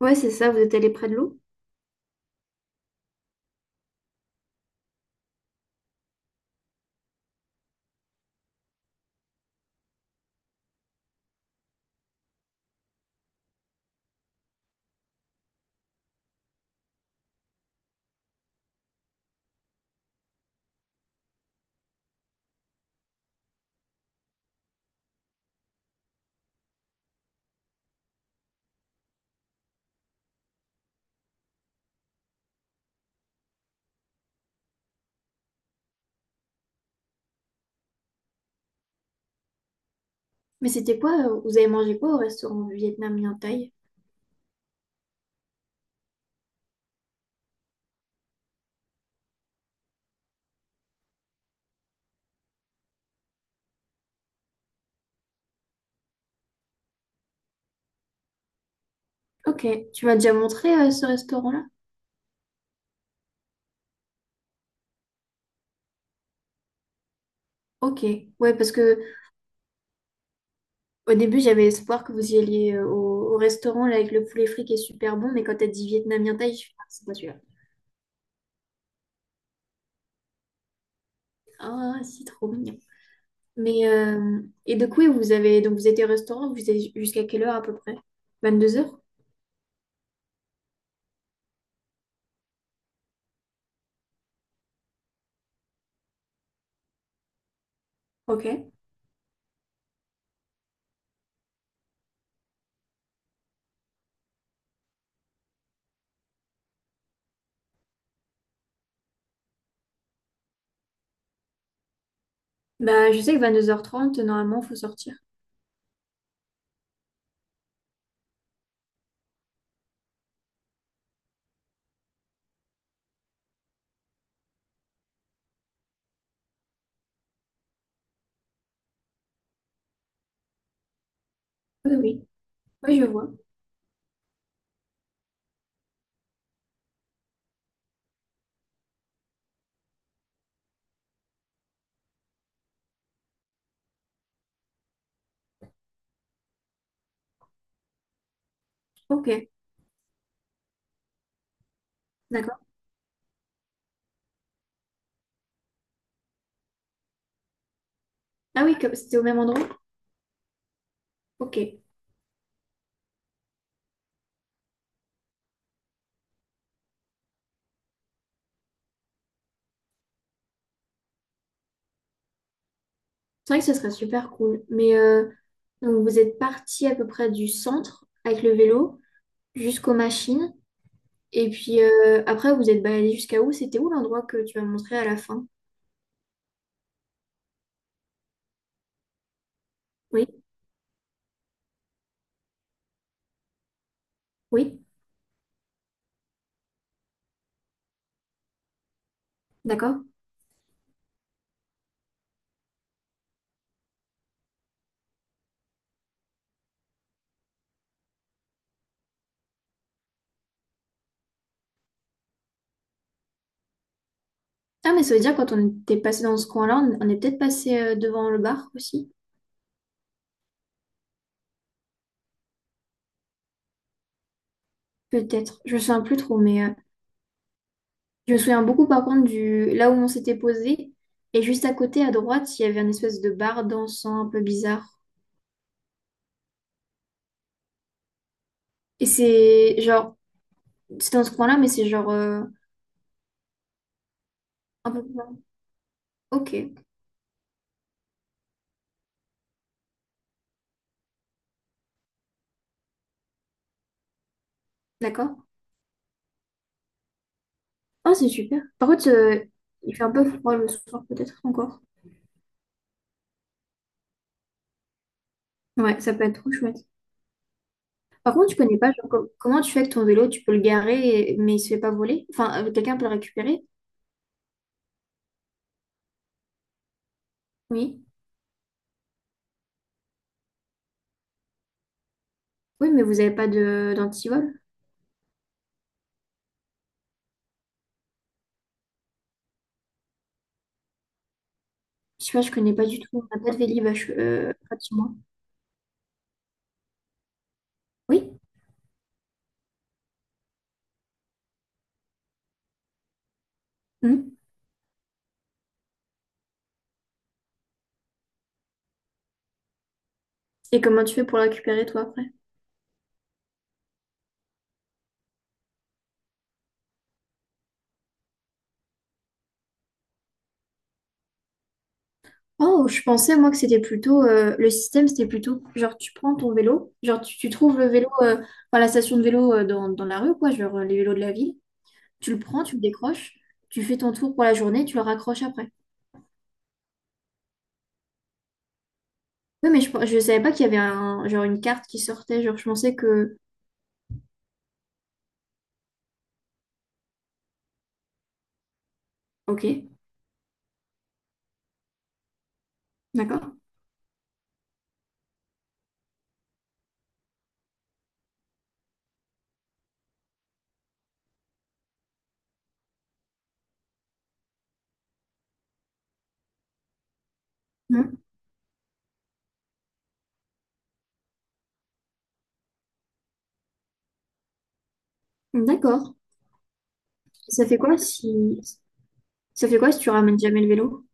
Ouais, c'est ça, vous êtes allé près de l'eau. Mais c'était quoi? Vous avez mangé quoi au restaurant vietnamien Thaï? Ok, tu m'as déjà montré ce restaurant-là? Ok, ouais, parce que au début j'avais espoir que vous y alliez au restaurant là, avec le poulet frit qui est super bon, mais quand t'as dit vietnamien Thaï, je suis ah, c'est pas celui-là. Ah, c'est trop mignon. Mais et donc oui, vous avez donc vous étiez au restaurant, vous êtes jusqu'à quelle heure à peu près? 22h? Ok. Bah je sais que 22h30, normalement, faut sortir. Oui, oui. Oui, je vois. Ok. D'accord. Ah oui, c'était au même endroit? Ok. C'est vrai que ce serait super cool. Mais donc vous êtes parti à peu près du centre avec le vélo jusqu'aux machines. Et puis après, vous êtes baladé jusqu'à où? C'était où l'endroit que tu m'as montré à la fin? Oui, oui, d'accord. Ah, mais ça veut dire quand on était passé dans ce coin-là, on est peut-être passé devant le bar aussi. Peut-être. Je me souviens plus trop, mais je me souviens beaucoup par contre du là où on s'était posé. Et juste à côté, à droite, il y avait un espèce de bar dansant un peu bizarre. Et c'est genre, c'était dans ce coin-là, mais c'est genre un peu plus loin. Ok, d'accord. Ah c'est super. Par contre, il fait un peu froid le soir, peut-être encore. Ouais, ça peut être trop chouette. Par contre, tu connais pas, genre, comment tu fais avec ton vélo? Tu peux le garer, mais il se fait pas voler? Enfin, quelqu'un peut le récupérer? Oui. Oui, mais vous avez pas de d'antivol? Je sais pas, je connais pas du tout. On n'a pas de Vélib à près de chez moi. Oui. Hmm. Et comment tu fais pour le récupérer, toi, après? Oh, je pensais moi que c'était plutôt le système, c'était plutôt genre tu prends ton vélo, tu trouves le vélo, enfin la station de vélo dans la rue, quoi, genre les vélos de la ville, tu le prends, tu le décroches, tu fais ton tour pour la journée, tu le raccroches après. Oui, mais je savais pas qu'il y avait un, genre une carte qui sortait, genre je pensais que. Ok, d'accord. Hmm, d'accord. Ça fait quoi si Ça fait quoi si tu ramènes jamais le vélo?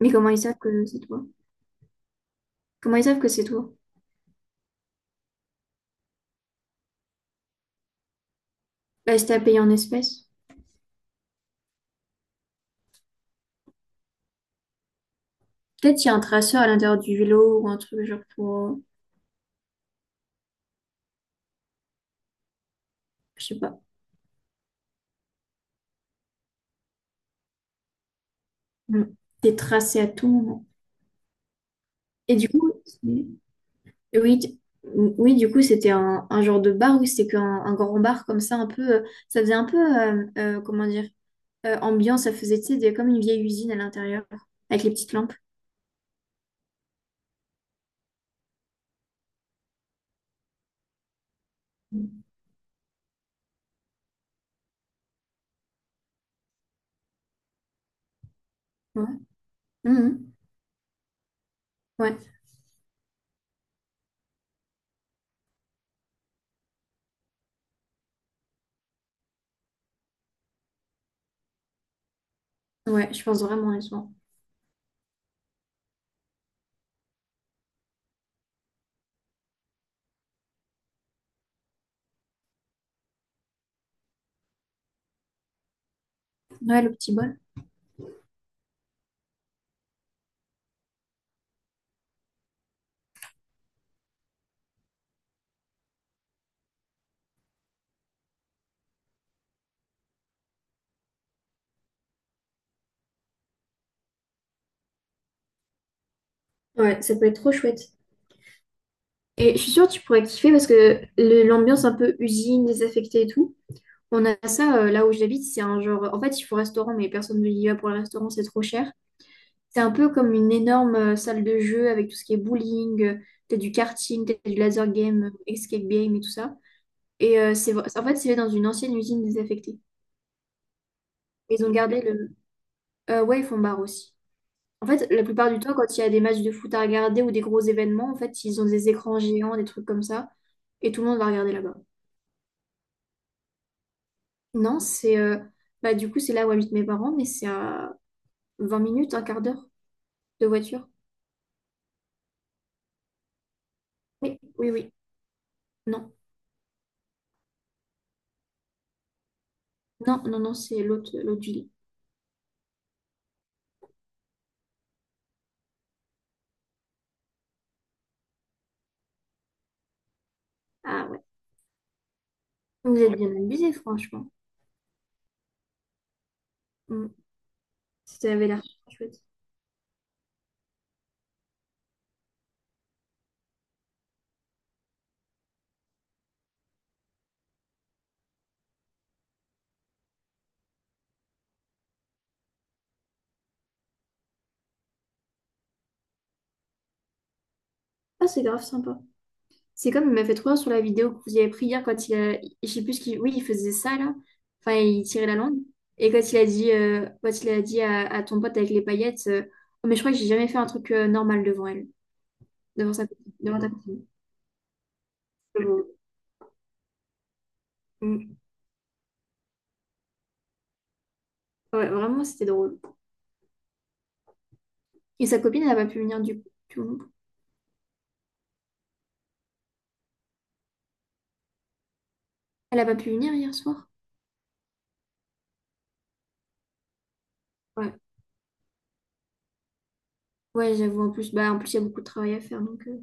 Mais comment ils savent que c'est toi? Comment ils savent que c'est toi? Bah, c'était à payer en espèces. Peut-être il y a un traceur à l'intérieur du vélo ou un truc genre pour, je sais pas, mm, des tracés à tout moment. Et du coup, c'est- oui, t- oui, du coup, c'était un genre de bar oui, c'était qu'un un grand bar comme ça, un peu, ça faisait un peu, comment dire, ambiance, ça faisait, tu sais, comme une vieille usine à l'intérieur, avec les petites lampes. Ouais. Mhm. Ouais, ouais, je pense vraiment à ça. Ouais, le petit bol. Ouais, ça peut être trop chouette. Et je suis sûre que tu pourrais kiffer parce que l'ambiance un peu usine, désaffectée et tout, on a ça là où j'habite, c'est un genre. En fait, il faut restaurant, mais personne ne y va pour le restaurant, c'est trop cher. C'est un peu comme une énorme salle de jeu avec tout ce qui est bowling, t'as du karting, t'as du laser game, escape game et tout ça. Et c'est en fait, c'est fait dans une ancienne usine désaffectée. Ils ont gardé le. Ouais, ils font bar aussi. En fait, la plupart du temps, quand il y a des matchs de foot à regarder ou des gros événements, en fait, ils ont des écrans géants, des trucs comme ça, et tout le monde va regarder là-bas. Non, c'est. Bah, du coup, c'est là où habitent mes parents, mais c'est à 20 minutes, un quart d'heure. De voiture? Oui, oui, oui. Non, non, c'est l'autre, l'autre du lit. Ah ouais. Vous êtes bien amusés, franchement. Mm. Ça avait l'air super chouette. Ah, c'est grave sympa. C'est comme il m'a fait trop rire sur la vidéo que vous avez pris hier quand il a... Je sais plus ce qu'il... Oui, il faisait ça, là. Enfin, il tirait la langue. Et quand il a dit, à ton pote avec les paillettes... Oh, mais je crois que j'ai jamais fait un truc normal devant elle. Devant sa... Devant ta copine. C'est drôle. Mm. Ouais, vraiment, c'était drôle. Et sa copine, elle n'a pas pu venir du coup. Elle n'a pas pu venir hier soir. Ouais, ouais, j'avoue, en plus, bah, en plus, il y a beaucoup de travail à faire, donc...